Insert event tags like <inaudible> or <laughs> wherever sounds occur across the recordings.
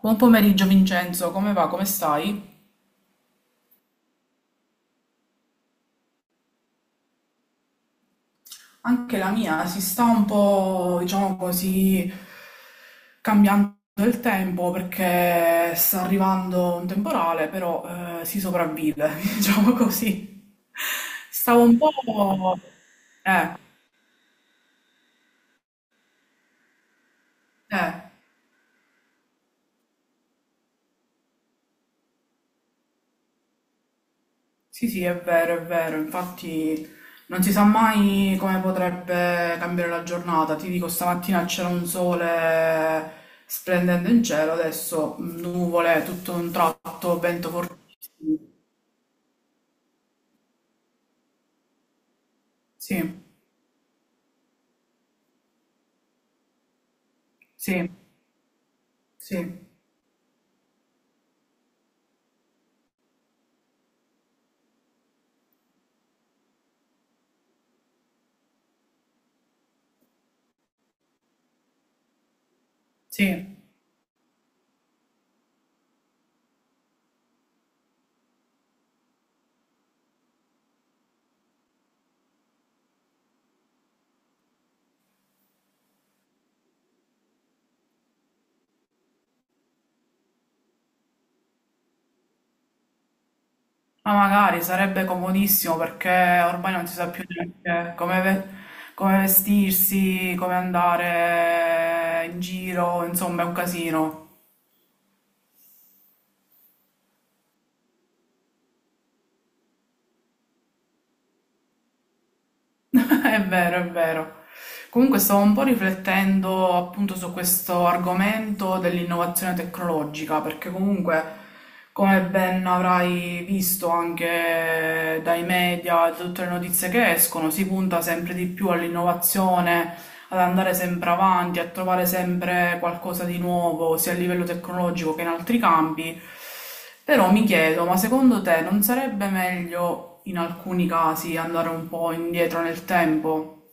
Buon pomeriggio Vincenzo, come va? Come stai? Anche la mia si sta un po', diciamo così, cambiando il tempo perché sta arrivando un temporale, però si sopravvive, <laughs> diciamo così. Stavo un po'... Eh, eh. Sì, sì, è vero, è vero. Infatti non si sa mai come potrebbe cambiare la giornata. Ti dico, stamattina c'era un sole splendente in cielo, adesso nuvole, tutto un tratto, vento fortissimo. Sì, sì, sì, sì. Ma magari sarebbe comodissimo perché ormai non si sa più neanche come, come vestirsi, come andare in giro, insomma, è un casino. <laughs> È vero, è vero. Comunque stavo un po' riflettendo appunto su questo argomento dell'innovazione tecnologica, perché comunque, come ben avrai visto anche dai media, da tutte le notizie che escono, si punta sempre di più all'innovazione, ad andare sempre avanti, a trovare sempre qualcosa di nuovo, sia a livello tecnologico che in altri campi. Però mi chiedo, ma secondo te non sarebbe meglio in alcuni casi andare un po' indietro nel tempo?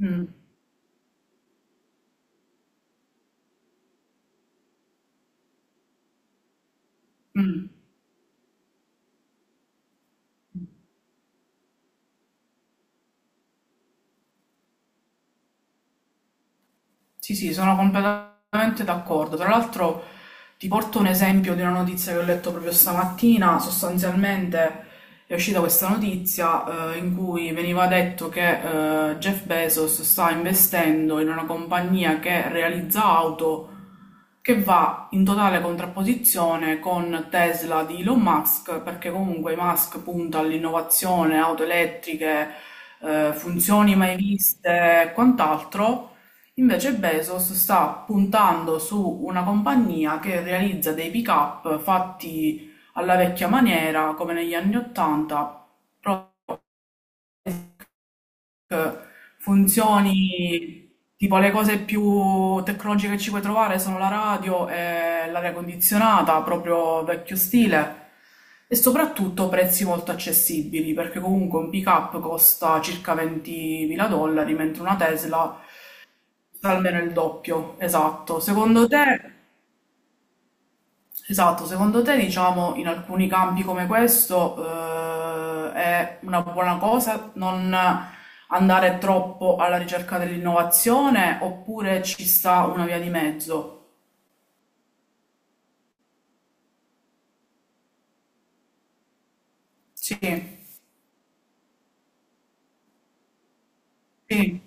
Mm, mm. Sì, sì, sono completamente d'accordo. Tra l'altro ti porto un esempio di una notizia che ho letto proprio stamattina. Sostanzialmente è uscita questa notizia in cui veniva detto che Jeff Bezos sta investendo in una compagnia che realizza auto che va in totale contrapposizione con Tesla di Elon Musk, perché comunque Musk punta all'innovazione, auto elettriche, funzioni mai viste e quant'altro. Invece Bezos sta puntando su una compagnia che realizza dei pick-up fatti alla vecchia maniera, come negli anni Ottanta. Funzioni, tipo le cose più tecnologiche che ci puoi trovare sono la radio e l'aria condizionata, proprio vecchio stile, e soprattutto prezzi molto accessibili, perché comunque un pick-up costa circa 20.000 dollari, mentre una Tesla costa almeno il doppio. Esatto. Secondo te esatto, secondo te, diciamo, in alcuni campi come questo, è una buona cosa non andare troppo alla ricerca dell'innovazione oppure ci sta una via di mezzo? Sì, sì,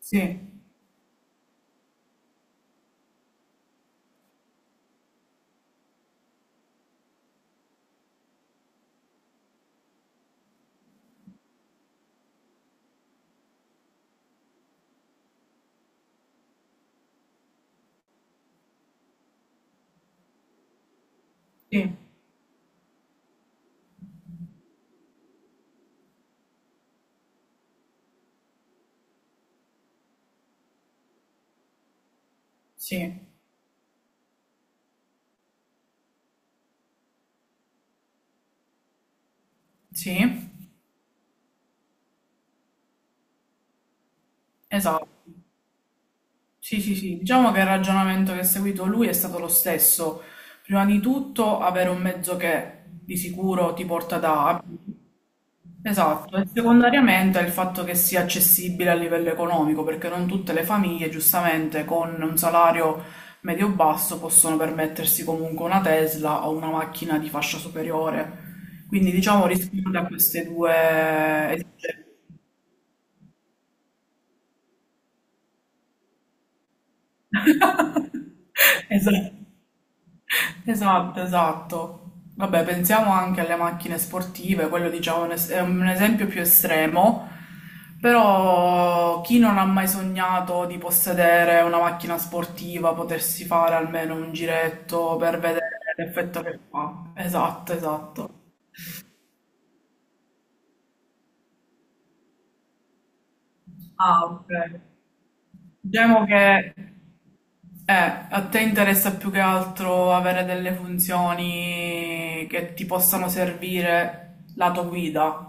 sì, sì, sì, sì, esatto. Sì, sì, sì. Diciamo che il ragionamento che ha seguito lui è stato lo stesso. Prima di tutto, avere un mezzo che di sicuro ti porta da A. Esatto, e secondariamente è il fatto che sia accessibile a livello economico, perché non tutte le famiglie, giustamente, con un salario medio-basso possono permettersi comunque una Tesla o una macchina di fascia superiore. Quindi, diciamo, risponde a queste due... <laughs> Esatto. Esatto, esatto. Vabbè, pensiamo anche alle macchine sportive, quello diciamo è un è un esempio più estremo, però chi non ha mai sognato di possedere una macchina sportiva, potersi fare almeno un giretto per vedere l'effetto che fa. Esatto, esatto. Ah, ok. Diciamo che eh, a te interessa più che altro avere delle funzioni che ti possano servire lato guida.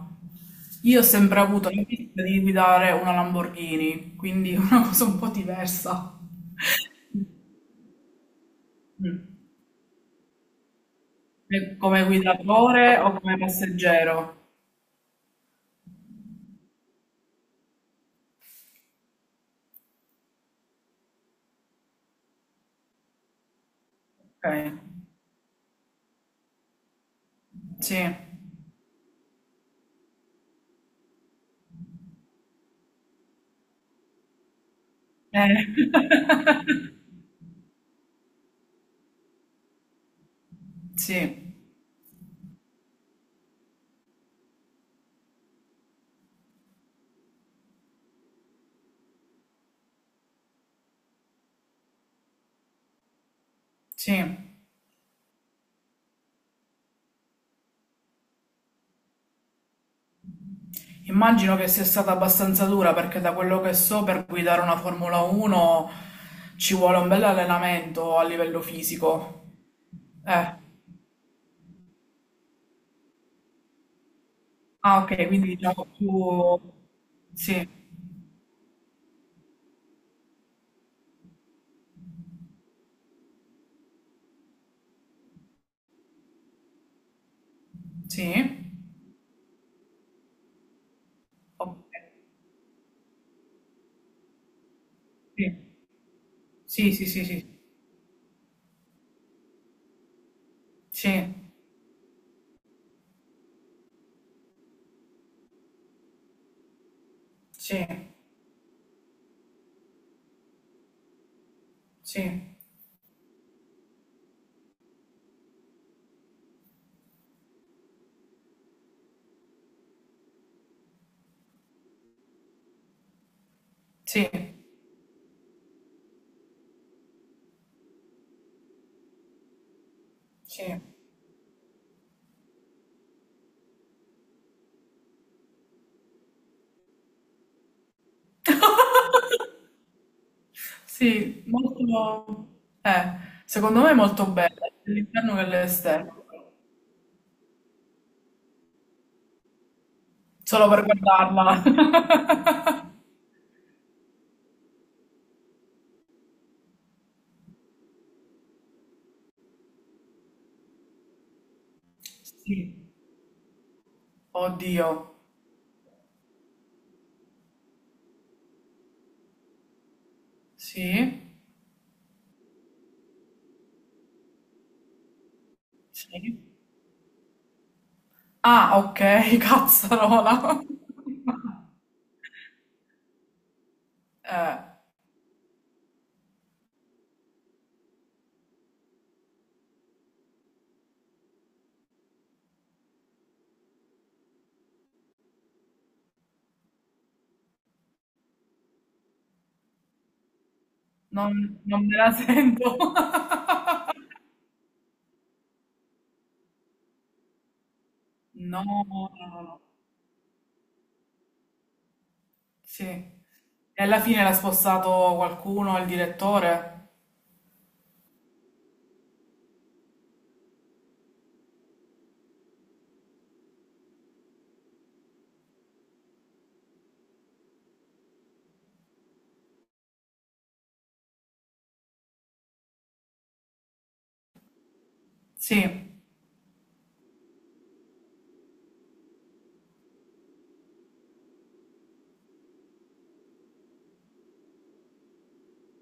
Io ho sempre avuto l'ambizione di guidare una Lamborghini, quindi <laughs> una cosa un po' diversa. Mm. E come guidatore o come passeggero? Ok, sì. Eh. <laughs> Sì, sì. Immagino che sia stata abbastanza dura perché da quello che so per guidare una Formula 1 ci vuole un bel allenamento a livello fisico. Eh. Ah, ok, quindi diciamo più... Sì, sì. Ok, sì, sì, sì, sì, sì. Sì, sì, sì, sì, sì. <laughs> Sì, molto... Eh, secondo me è molto bella, sia l'interno che l'esterno. Solo per guardarla. <laughs> Sì, oddio. Sì, sì. Ah, ok, <laughs> cazzarola. Eh, non, non me la sento. <laughs> No, no, no, no. Sì. E alla fine l'ha spostato qualcuno, il direttore? Sì,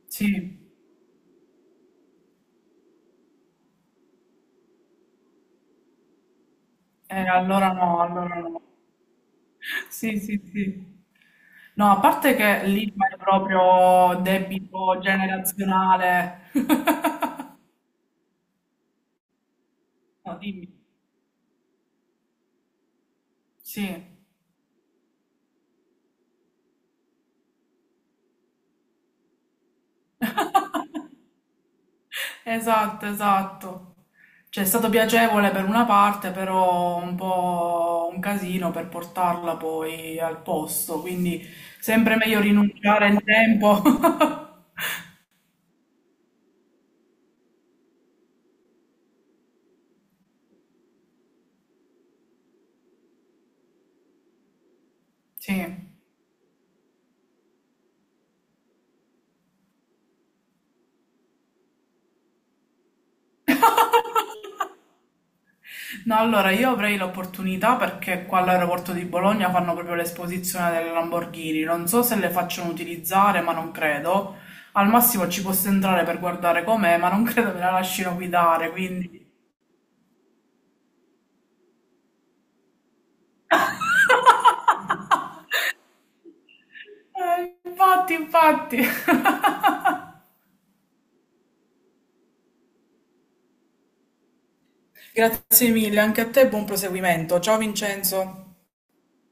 sì, allora no, allora no. Sì, sì, sì. No, a parte che lì è proprio debito generazionale. <laughs> No, dimmi. Sì. <laughs> Esatto, esatto. Cioè, è stato piacevole per una parte, però un po' un casino per portarla poi al posto, quindi sempre meglio rinunciare in tempo. <laughs> Sì. No, allora io avrei l'opportunità perché qua all'aeroporto di Bologna fanno proprio l'esposizione delle Lamborghini. Non so se le facciano utilizzare, ma non credo. Al massimo ci posso entrare per guardare com'è, ma non <laughs> credo me la lasciano guidare, quindi... infatti, infatti. <laughs> Grazie mille, anche a te buon proseguimento. Ciao Vincenzo.